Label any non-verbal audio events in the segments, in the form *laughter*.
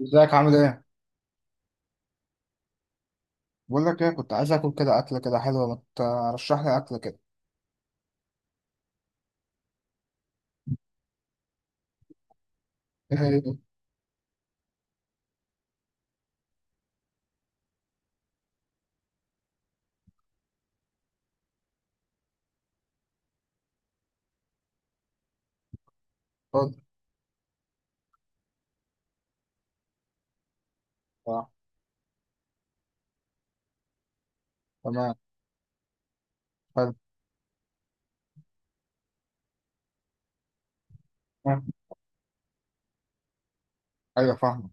ازيك عامل ايه؟ بقول لك ايه كنت عايز اكل كده اكله كده حلوه، ما ترشح لي اكله كده؟ ايه هي؟ اتفضل. اه. تمام. حلو. مم. ايوه فاهمك.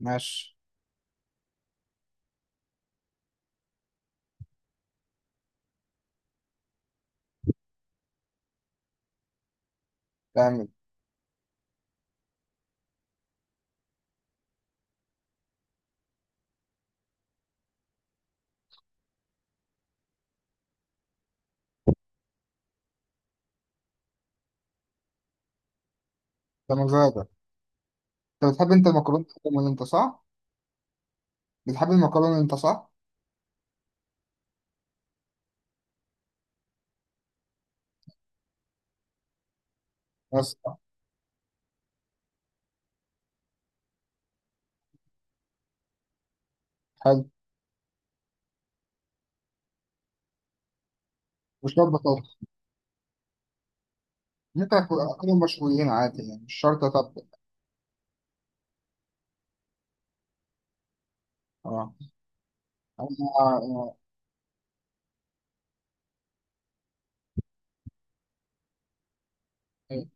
ماشي. تمام. ده مزاجك. انت بتحب المكرونه اللي انت، صح؟ بتحب المكرونه اللي انت، صح؟ بس. حلو. مش شرط طبخ. ممكن اكل مشويين عادي، يعني مش شرط اطبخ. اه. انا آه. إيه.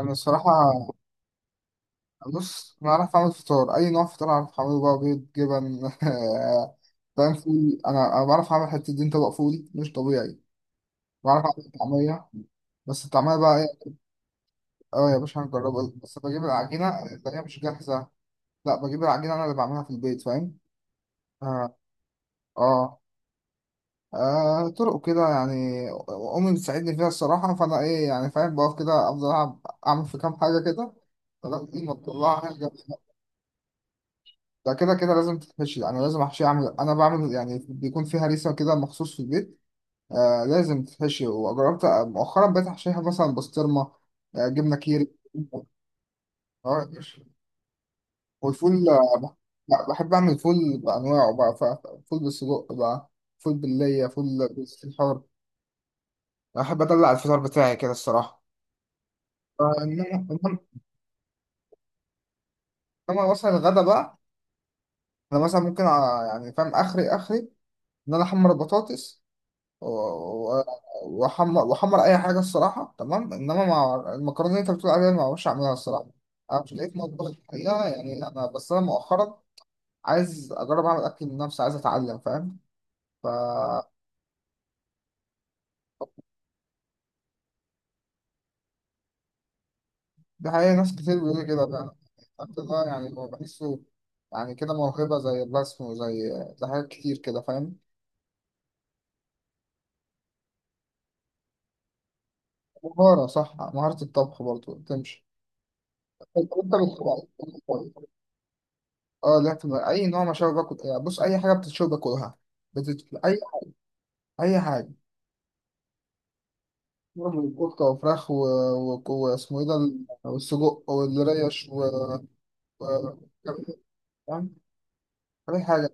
انا الصراحه، بص انا عارف اعمل فطار، اي نوع فطار عارف اعمله، بقى بيض جبن *laughs* فاهم؟ فول، انا بعرف اعمل حته دين طبق فول مش طبيعي. بعرف اعمل طعميه. بس الطعميه بقى ايه. اه يا باشا هنجربها، بس بجيب العجينه اللي هي مش جاهزه. لا، بجيب العجينه انا اللي بعملها في البيت، فاهم. اه اه. آه، طرق كده يعني. امي بتساعدني فيها الصراحه، فانا ايه يعني فاهم، بقف كده، اعمل في كام حاجه كده لغايه ما تطلعها. ده كده كده لازم تتحشي، انا لازم احشي، اعمل، انا بعمل يعني بيكون فيها هريسه كده مخصوص في البيت. آه لازم تتحشي. وجربت، آه، مؤخرا بقيت احشيها مثلا بسطرمه. آه، جبنه كيري. آه. والفول آه لا، بحب اعمل فول بانواعه بقى. فول بالسجق بقى، فول بالليه، فول بالحار. احب ادلع الفطار بتاعي كده الصراحه. آه، انما إنما مثلا الغدا بقى، انا مثلا ممكن، آه، يعني فاهم، اخري انا احمر البطاطس و- واحمر اي حاجه، الصراحه، تمام. انما مع المكرونه اللي انت بتقول عليها، أنا ما بعرفش اعملها الصراحه. انا مش لقيت مطبخ الحقيقه، يعني انا بس انا مؤخرا عايز اجرب اعمل اكل لنفسي، عايز اتعلم، فاهم. ف دي حقيقه، ناس كتير بيقولوا لي كده فعلا. الأكل ده يعني هو بحسه يعني كده موهبه، زي الرسم وزي حاجات كتير كده، فاهم. مهاره، صح، مهاره، الطبخ برضه تمشي. طب انت بتطبخ؟ اه. لا، اي نوع مشاوي باكل، يعني بص اي حاجه بتتشوي باكلها. اي، اي حاجه. برضه قطه وفراخ واسمه ايه ده، والسجق والريش و- فاهم، اي حاجه.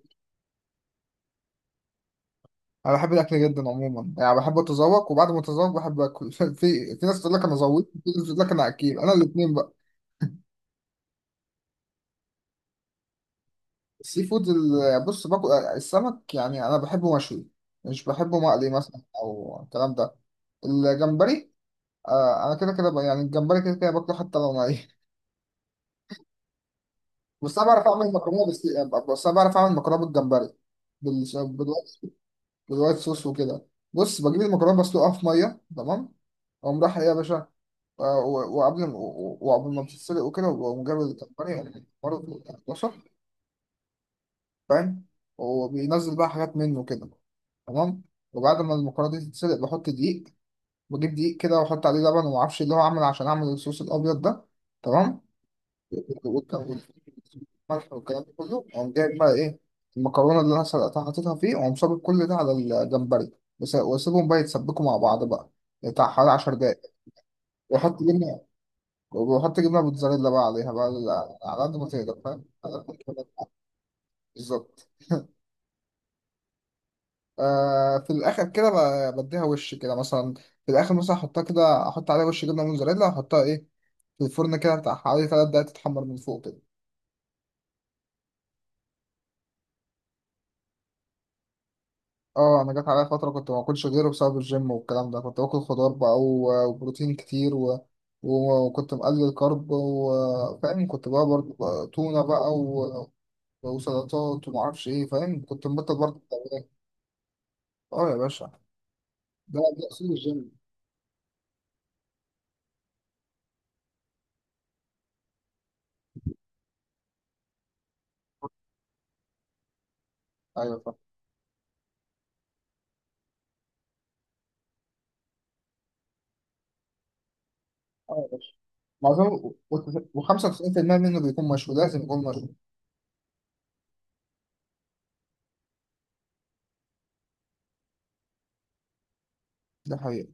انا بحب الاكل جدا عموما، يعني بحب اتذوق وبعد ما اتذوق بحب اكل *laughs* في، في ناس تقول لك انا ذوقت، في ناس تقول لك انا اكيل، انا الاثنين بقى. السي فود بص باكل السمك، يعني انا بحبه مشوي، مش بحبه مقلي مثلا او الكلام ده. الجمبري آه، انا كده كده يعني الجمبري كده كده باكله حتى لو ني. بس انا بعرف اعمل مكرونه بس. بس انا بعرف اعمل مكرونه بالجمبري، بالوايت، بالوايت صوص وكده. بص بجيب المكرونه، بسلقها في ميه، تمام، اقوم رايح ايه يا باشا. آه، وقبل ما بتتسلق وكده، واقوم جايب الجمبري برضه، بشر، فاهم، وبينزل بقى حاجات منه كده، تمام. وبعد ما المكرونه دي تتسلق بحط دقيق، بجيب دقيق كده واحط عليه لبن وما اعرفش اللي هو، عامل عشان اعمل الصوص الابيض ده، تمام. والملح والكلام ده كله، أقوم جايب بقى إيه المكرونة اللي أنا سلقتها، حاططها فيه، وأقوم صابب كل ده على الجمبري. وأسيبهم بقى يتسبكوا مع بعض بقى بتاع حوالي 10 دقايق، وأحط جبنة، وأحط جبنة موتزاريلا بقى عليها، بقى على قد ما تقدر، فاهم، على قد ما تقدر. بالظبط. آه في الآخر كده بديها وش كده مثلا، في الآخر مثلا أحطها كده، أحط عليها وش جبنة موتزاريلا، وأحطها إيه في الفرن كده بتاع حوالي 3 دقايق تتحمر من فوق كده. اه، انا جت عليا فتره كنت ما باكلش غيره بسبب الجيم والكلام ده. كنت باكل خضار بقى وبروتين كتير، وكنت مقلل كارب، وفاهم كنت بقى برضه بقى تونه بقى، وسلطات وما اعرفش ايه، فاهم، كنت مبطل برضه الدورات. اه يا باشا. ده اصول الجيم. ايوه فاهم. اه يا باشا. معظم، و95% منه بيكون مشوي، لازم يكون مشوي. ده حقيقي.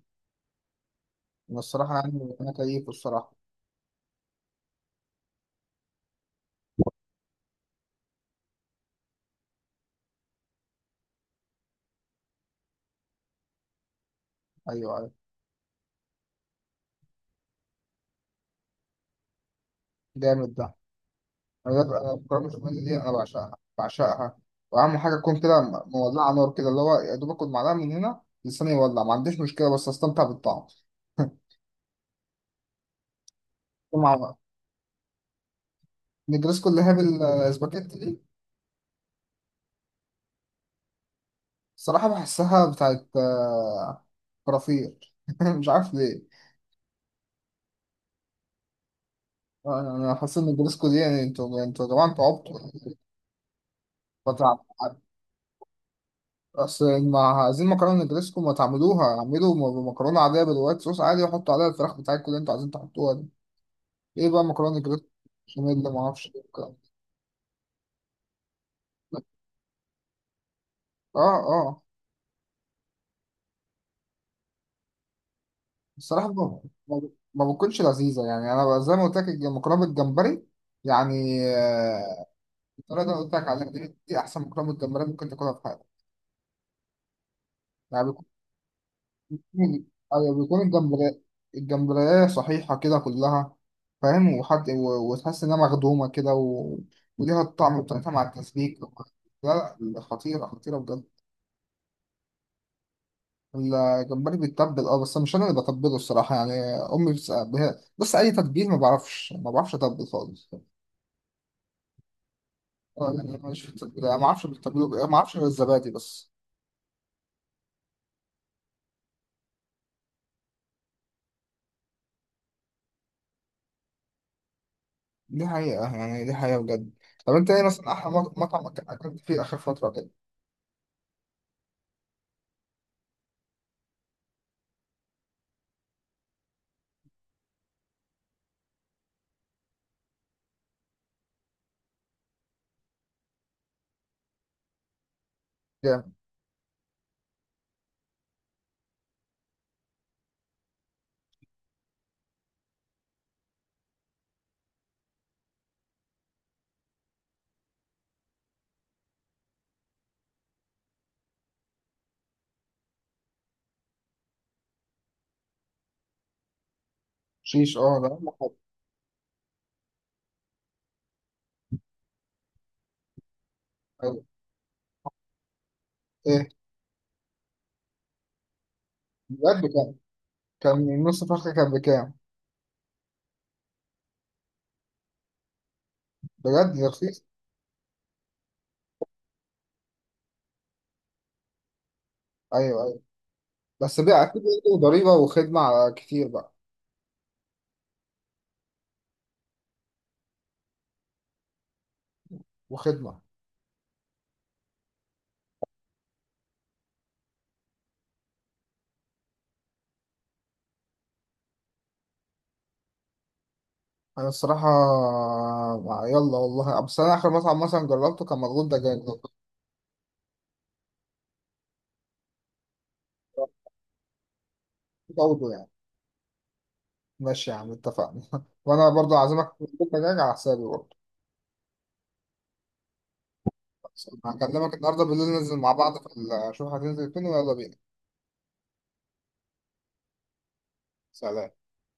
انا الصراحه يعني، انا كيف الصراحه. ايوه، ايوه. جامد ده. أنا الكرة البشاميل دي أنا بعشقها بعشقها، وأهم حاجة تكون كده، مولعة نار كده، اللي هو يا دوب آكل معلقة من هنا لساني يولع، ما عنديش مشكلة، بس أستمتع بالطعم. *laughs* مع نجرسكو اللي هي بالسباكيتي دي. الصراحة بحسها بتاعت آه، كرافير *laughs* مش عارف ليه. آه، أنا حاسس إن نجرسكو دي يعني، أنتوا يا جماعة أنتوا عبطوا. بتاع- أصل ما عايزين مكرونة نجرسكو، ما تعملوها، اعملوا مكرونة عادية بالوايت صوص عادي، وحطوا عليها الفراخ بتاعتكم اللي أنتوا عايزين تحطوها دي. ايه بقى؟ مكرونه جريت، بشاميل، ما اعرفش ايه والكلام ده. اه، اه. الصراحه، ما- ما بتكونش لذيذه، يعني انا بقى زي ما قلت لك المكرونه بالجمبري، يعني آه، الطريقه اللي انا قلت لك عليها دي، دي احسن مكرونه بالجمبري ممكن تاكلها في حياتك. يعني بيكون، ايوه بيكون الجمبري، الجمبريه صحيحه كده كلها، فاهم، وحد، وتحس انها مخدومه كده، و... وليها الطعم بتاعتها مع التسبيك. لا لا، خطيره خطيره بجد. الجمبري بيتبل، اه، بس مش انا اللي بتبله الصراحه، يعني امي بتسأل هي، بص، اي تتبيل ما بعرفش، ما بعرفش اتبل خالص. اه، يعني انا مش في التتبيل، أنا ما *laughs* اعرفش بتتبله بإيه، ما اعرفش غير الزبادي بس. دي حقيقه، يعني دي حقيقه بجد. طب انت ايه مثلا احلى مطعم اكلت فيه اخر فتره كده؟ جامد. شيش، اه، ده أهم حاجة. أيوة. ايه؟ بجد. كان، كان نص فرخه كان بكام؟ بجد رخيص. ايوه ايوه. بس بقى اكيد برضه ضريبه وخدمه على، كتير بقى. وخدمه. انا الصراحه، آه، يلا والله، بس انا اخر مطعم مثلا جربته كان مضغوط دجاج. برضه يعني. ماشي يا عم، اتفقنا. *laughs* وانا برضه عازمك في مضغوط دجاج على حسابي برضه. هكلمك النهارده بالليل، ننزل مع بعض في اشوف هتنزل فين ويلا بينا. سلام.